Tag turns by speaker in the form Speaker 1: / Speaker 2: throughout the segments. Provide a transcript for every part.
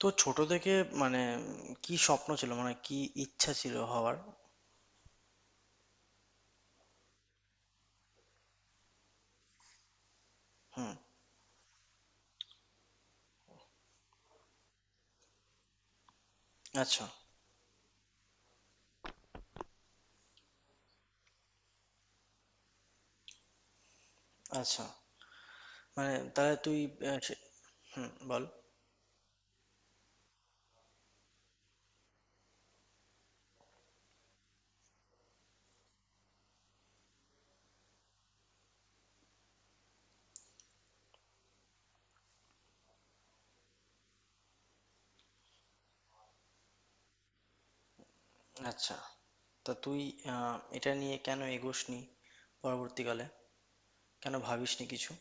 Speaker 1: তো ছোট থেকে মানে কি স্বপ্ন ছিল, মানে কি ইচ্ছা ছিল হওয়ার? হুম। আচ্ছা, আচ্ছা, মানে তাহলে তুই... আহ, সে- হুম, বল। আচ্ছা, তা তুই এটা নিয়ে কেন এগোসনি পরবর্তীকালে? কেন ভাবিসনি কিছু?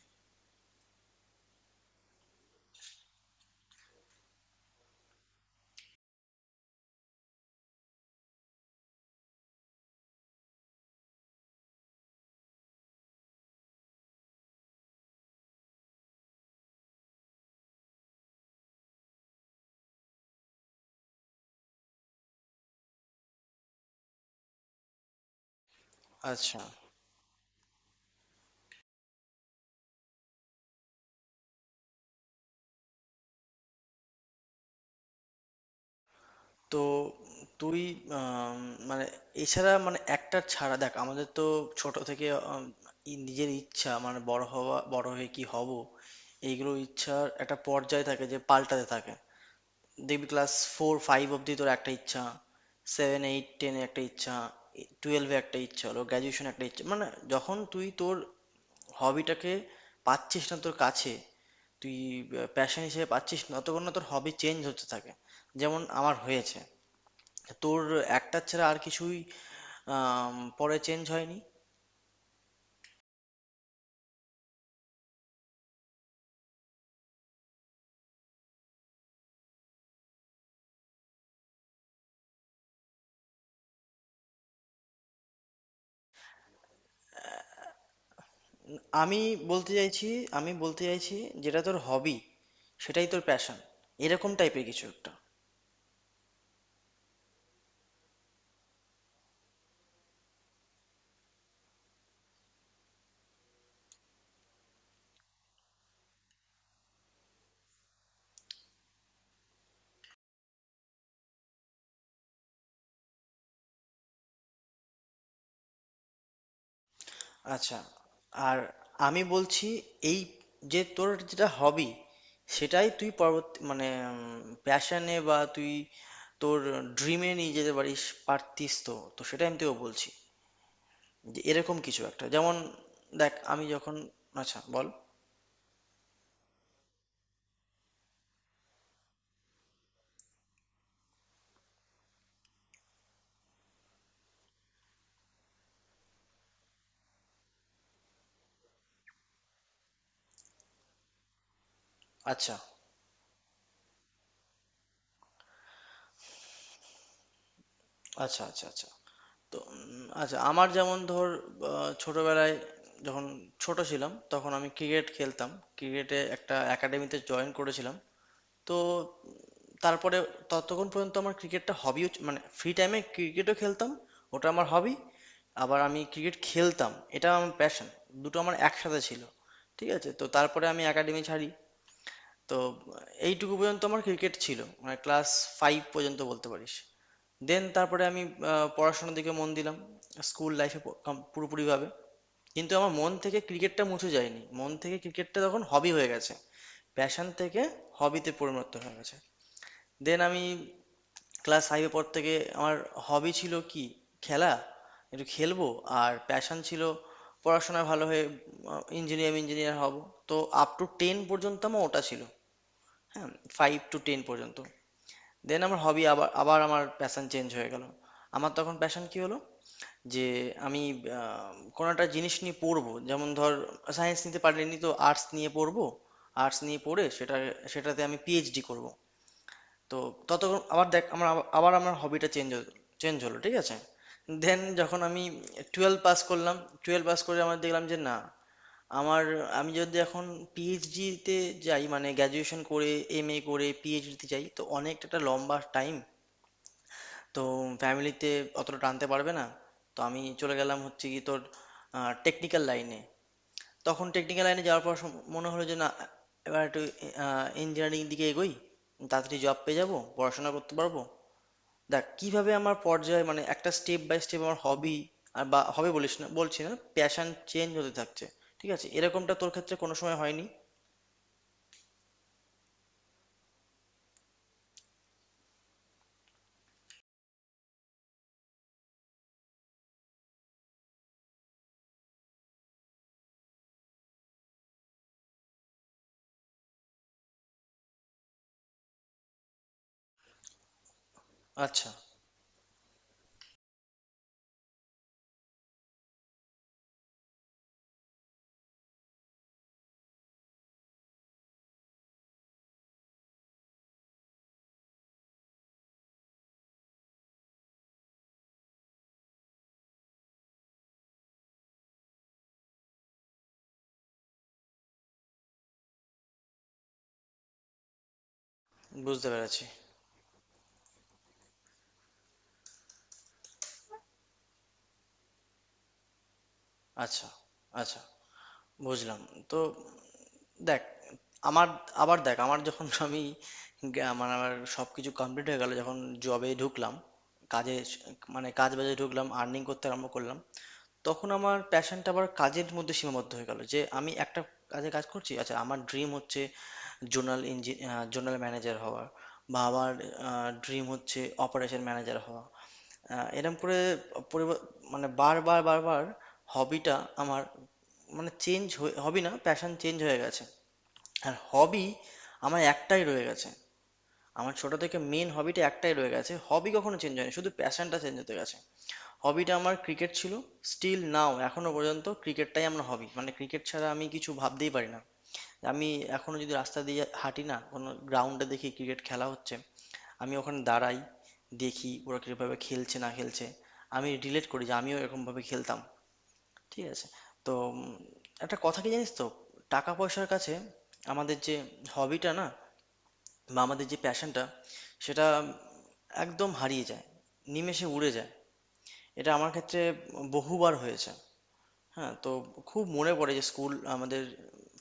Speaker 1: আচ্ছা, তো তুই আম, মানে এছাড়া, মানে একটা ছাড়া দেখ, আমাদের তো ছোট থেকে আম, নিজের ইচ্ছা, মানে বড় হওয়া, বড় হয়ে কি হব, এইগুলো ইচ্ছার একটা পর্যায় থাকে যে পাল্টাতে থাকে। দেখবি ক্লাস ফোর ফাইভ অবধি তোর একটা ইচ্ছা, সেভেন এইট টেনে একটা ইচ্ছা, টুয়েলভে একটা ইচ্ছা, হলো গ্র্যাজুয়েশন একটা ইচ্ছা, মানে যখন তুই তোর হবিটাকে পাচ্ছিস না, তোর কাছে তুই প্যাশন হিসেবে পাচ্ছিস না, ততক্ষণ না তোর হবি চেঞ্জ হতে থাকে। যেমন আমার হয়েছে। তোর একটা ছাড়া আর কিছুই পরে চেঞ্জ হয়নি। আমি বলতে চাইছি, আমি বলতে চাইছি যেটা তোর হবি সেটাই তোর প্যাশন, এরকম টাইপের কিছু একটা। আচ্ছা, আর আমি বলছি এই যে তোর যেটা হবি সেটাই তুই পরবর্তী, মানে প্যাশনে বা তুই তোর ড্রিমে নিয়ে যেতে পারিস, পারতিস। তো তো সেটাই আমি তোকে বলছি যে এরকম কিছু একটা, যেমন দেখ আমি যখন... আচ্ছা, বল। আচ্ছা, আচ্ছা, আচ্ছা। আচ্ছা, তো আচ্ছা, আমার যেমন ধর ছোটবেলায় যখন ছোট ছিলাম তখন আমি ক্রিকেট খেলতাম। ক্রিকেটে একটা একাডেমিতে জয়েন করেছিলাম। তো তারপরে ততক্ষণ পর্যন্ত আমার ক্রিকেটটা হবিও, মানে ফ্রি টাইমে ক্রিকেটও খেলতাম, ওটা আমার হবি, আবার আমি ক্রিকেট খেলতাম, এটা আমার প্যাশন, দুটো আমার একসাথে ছিল। ঠিক আছে, তো তারপরে আমি একাডেমি ছাড়ি। তো এইটুকু পর্যন্ত আমার ক্রিকেট ছিল, মানে ক্লাস ফাইভ পর্যন্ত বলতে পারিস। দেন তারপরে আমি পড়াশোনার দিকে মন দিলাম, স্কুল লাইফে পুরোপুরিভাবে। কিন্তু আমার মন থেকে ক্রিকেটটা মুছে যায়নি, মন থেকে ক্রিকেটটা তখন হবি হয়ে গেছে, প্যাশন থেকে হবিতে পরিণত হয়ে গেছে। দেন আমি ক্লাস ফাইভে পর থেকে আমার হবি ছিল কি, খেলা, একটু খেলবো। আর প্যাশন ছিল পড়াশোনায় ভালো হয়ে ইঞ্জিনিয়ার ইঞ্জিনিয়ার হব। তো আপ টু টেন পর্যন্ত আমার ওটা ছিল, হ্যাঁ, ফাইভ টু টেন পর্যন্ত। দেন আমার হবি আবার, আবার আমার প্যাশন চেঞ্জ হয়ে গেল। আমার তখন প্যাশন কি হলো যে আমি কোনো একটা জিনিস নিয়ে পড়বো, যেমন ধর সায়েন্স নিতে পারিনি তো আর্টস নিয়ে পড়বো, আর্টস নিয়ে পড়ে সেটা, সেটাতে আমি পিএইচডি করব। তো ততক্ষণ আবার দেখ আমার আবার, আবার আমার হবিটা চেঞ্জ চেঞ্জ হলো। ঠিক আছে, দেন যখন আমি টুয়েলভ পাস করলাম, টুয়েলভ পাস করে আমার দেখলাম যে না, আমার, আমি যদি এখন পিএইচডিতে যাই মানে গ্র্যাজুয়েশন করে এমএ করে পিএইচডিতে যাই, তো অনেকটা একটা লম্বা টাইম। তো ফ্যামিলিতে অতটা টানতে পারবে না। তো আমি চলে গেলাম, হচ্ছে কি তোর টেকনিক্যাল লাইনে। তখন টেকনিক্যাল লাইনে যাওয়ার পর মনে হলো যে না, এবার একটু ইঞ্জিনিয়ারিং দিকে এগোই, তাড়াতাড়ি জব পেয়ে যাবো, পড়াশোনা করতে পারবো। দেখ কিভাবে আমার পর্যায়ে, মানে একটা স্টেপ বাই স্টেপ আমার হবি আর, বা হবে বলিস না, বলছি না, প্যাশন চেঞ্জ হতে থাকছে। ঠিক আছে, এরকমটা তোর ক্ষেত্রে কোনো সময় হয়নি? আচ্ছা, বুঝতে পেরেছি। আচ্ছা, আচ্ছা, বুঝলাম। তো দেখ আমার, আবার দেখ আমার যখন আমি গ্যা- আমার আমার সবকিছু কমপ্লিট হয়ে গেল যখন জবে ঢুকলাম, কাজে স- মানে কাজ বাজে ঢুকলাম, আর্নিং করতে আরম্ভ করলাম, তখন আমার প্যাশনটা আবার কাজের মধ্যে সীমাবদ্ধ হয়ে গেল, যে আমি একটা কাজে কাজ করছি। আচ্ছা, আমার ড্রিম হচ্ছে জোনাল ইঞ্জিন জোনাল ম্যানেজার হওয়ার, বা আমার ড্রিম হচ্ছে অপারেশন ম্যানেজার হওয়া, এরম করে পরিব- মানে বারবার বারবার হবিটা আমার, মানে চেঞ্জ হয়ে, হবি না, প্যাশন চেঞ্জ হয়ে গেছে। আর হবি আমার একটাই রয়ে গেছে। আমার ছোট থেকে মেন হবিটা একটাই রয়ে গেছে, হবি কখনো চেঞ্জ হয়নি, শুধু প্যাশনটা চেঞ্জ হতে গেছে। হবিটা আমার ক্রিকেট ছিল, স্টিল নাও এখনো পর্যন্ত ক্রিকেটটাই আমার হবি, মানে ক্রিকেট ছাড়া আমি কিছু ভাবতেই পারি না। আমি এখনো যদি রাস্তা দিয়ে হাঁটি না, কোনো গ্রাউন্ডে দেখি ক্রিকেট খেলা হচ্ছে, আমি ওখানে দাঁড়াই, দেখি ওরা কিভাবে খেলছে না খেলছে, আমি রিলেট করি যে আমিও এরকম ভাবে খেলতাম। ঠিক আছে, তো একটা কথা কি জানিস তো, টাকা পয়সার কাছে আমাদের যে হবিটা না, বা আমাদের যে প্যাশনটা, সেটা একদম হারিয়ে যায়, নিমেষে উড়ে যায়। এটা আমার ক্ষেত্রে বহুবার হয়েছে। হ্যাঁ, তো খুব মনে পড়ে যে স্কুল আমাদের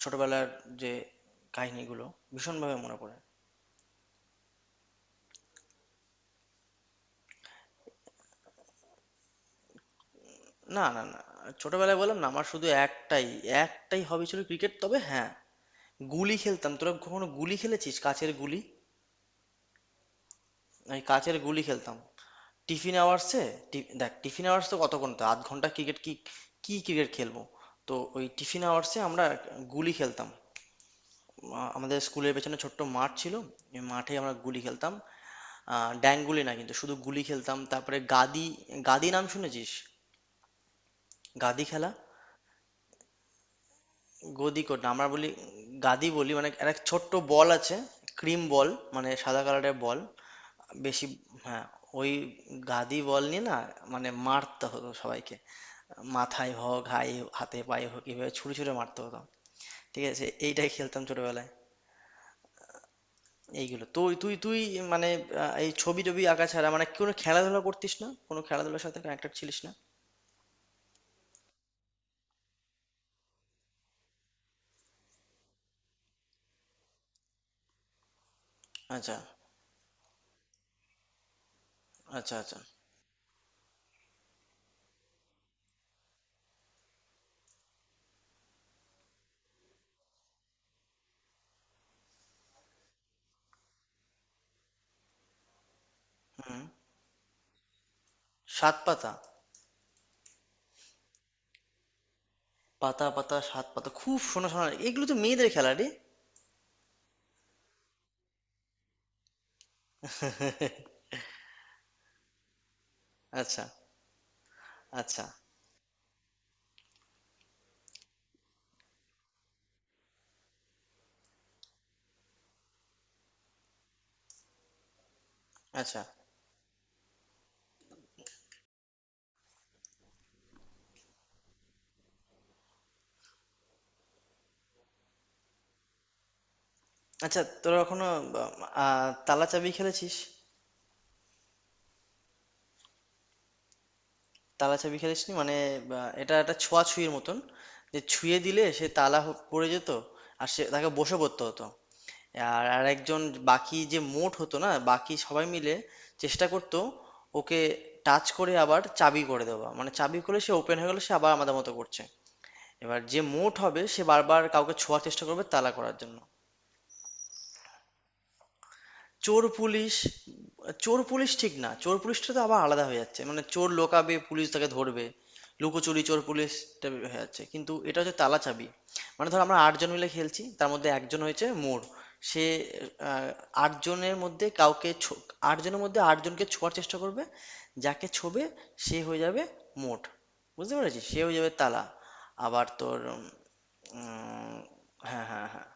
Speaker 1: ছোটবেলার যে কাহিনীগুলো ভীষণভাবে মনে পড়ে। না, না, না, ছোটবেলায় বললাম না, আমার শুধু একটাই, একটাই হবি ছিল, ক্রিকেট। তবে হ্যাঁ, গুলি খেলতাম। তোরা কখনো গুলি খেলেছিস, কাচের গুলি? আমি কাচের গুলি খেলতাম টিফিন আওয়ার্সে। দেখ টিফিন আওয়ার্স তো কতক্ষণ, তো আধ ঘন্টা, ক্রিকেট কি, কি ক্রিকেট খেলবো? তো ওই টিফিন আওয়ার্সে আমরা গুলি খেলতাম। আমাদের স্কুলের পেছনে ছোট্ট মাঠ ছিল, ওই মাঠে আমরা গুলি খেলতাম। আহ, ড্যাং গুলি না কিন্তু, শুধু গুলি খেলতাম। তারপরে গাদি, গাদি নাম শুনেছিস? গাদি খেলা। গদি কোড না, আমরা বলি গাদি, বলি মানে একটা ছোট্ট বল আছে, ক্রিম বল, মানে সাদা কালারের বল, বেশি, হ্যাঁ, ওই গাদি বল নিয়ে না, মানে মারতে হতো সবাইকে, মাথায় হোক, হাই, হাতে পায়ে হোক, এভাবে ছুড়ে ছুড়ে মারতে হতো। ঠিক আছে, এইটাই খেলতাম ছোটবেলায়। এইগুলো তুই, তুই মানে এই ছবি টবি আঁকা ছাড়া মানে কোনো খেলাধুলা করতিস না, কোনো খেলাধুলার সাথে কানেক্টেড ছিলিস না? আচ্ছা, আচ্ছা, আচ্ছা। সাত পাতা। পাতা পাতা সাত পাতা খুব শোনা শোনা, এগুলো তো মেয়েদের খেলা রে। আচ্ছা, আচ্ছা, আচ্ছা, আচ্ছা, তোরা কখনো তালা চাবি খেলেছিস? তালা চাবি খেলেছিস মানে এটা একটা ছোঁয়াছুঁয়ির মতন, যে ছুঁয়ে দিলে সে তালা পড়ে যেত, আর সে, তাকে বসে পড়তে হতো। আর আর একজন বাকি, যে মোট হতো না, বাকি সবাই মিলে চেষ্টা করতো ওকে টাচ করে আবার চাবি করে দেওয়া, মানে চাবি করে সে ওপেন হয়ে গেলে সে আবার আমাদের মতো করছে। এবার যে মোট হবে সে বারবার কাউকে ছোঁয়ার চেষ্টা করবে তালা করার জন্য। চোর পুলিশ, চোর পুলিশ ঠিক না, চোর পুলিশটা তো আবার আলাদা হয়ে যাচ্ছে, মানে চোর লোকাবে পুলিশ তাকে ধরবে, লুকোচুরি চোর পুলিশটা হয়ে যাচ্ছে, কিন্তু এটা হচ্ছে তালা চাবি। মানে ধর আমরা আটজন মিলে খেলছি, তার মধ্যে একজন হয়েছে মোর, সে আহ, আটজনের মধ্যে কাউকে ছো- আটজনের মধ্যে আটজনকে ছোঁয়ার চেষ্টা করবে। যাকে ছোবে সে হয়ে যাবে মোট, বুঝতে পেরেছিস, সে হয়ে যাবে তালা। আবার তোর উম, উম, হ্যাঁ, হ্যাঁ, হ্যাঁ,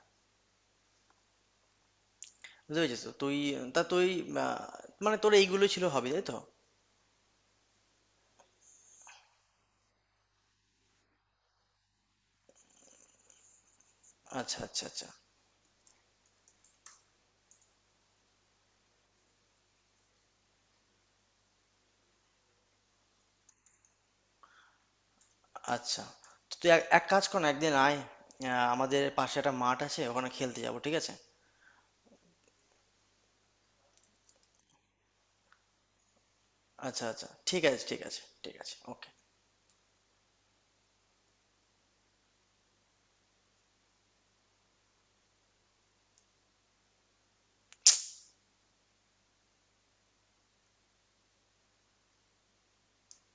Speaker 1: বুঝতে পেরেছিস তো তুই? তা তুই আহ, মানে তোর এইগুলো ছিল হবি, তাই তো? আচ্ছা, আচ্ছা, আচ্ছা। আচ্ছা, তো তুই এক এক কাজ কর না, একদিন আয়, আমাদের পাশে একটা মাঠ আছে, ওখানে খেলতে যাবো, ঠিক আছে? আচ্ছা, আচ্ছা, ঠিক আছে, ঠিক আছে, ঠিক আছে, ওকে।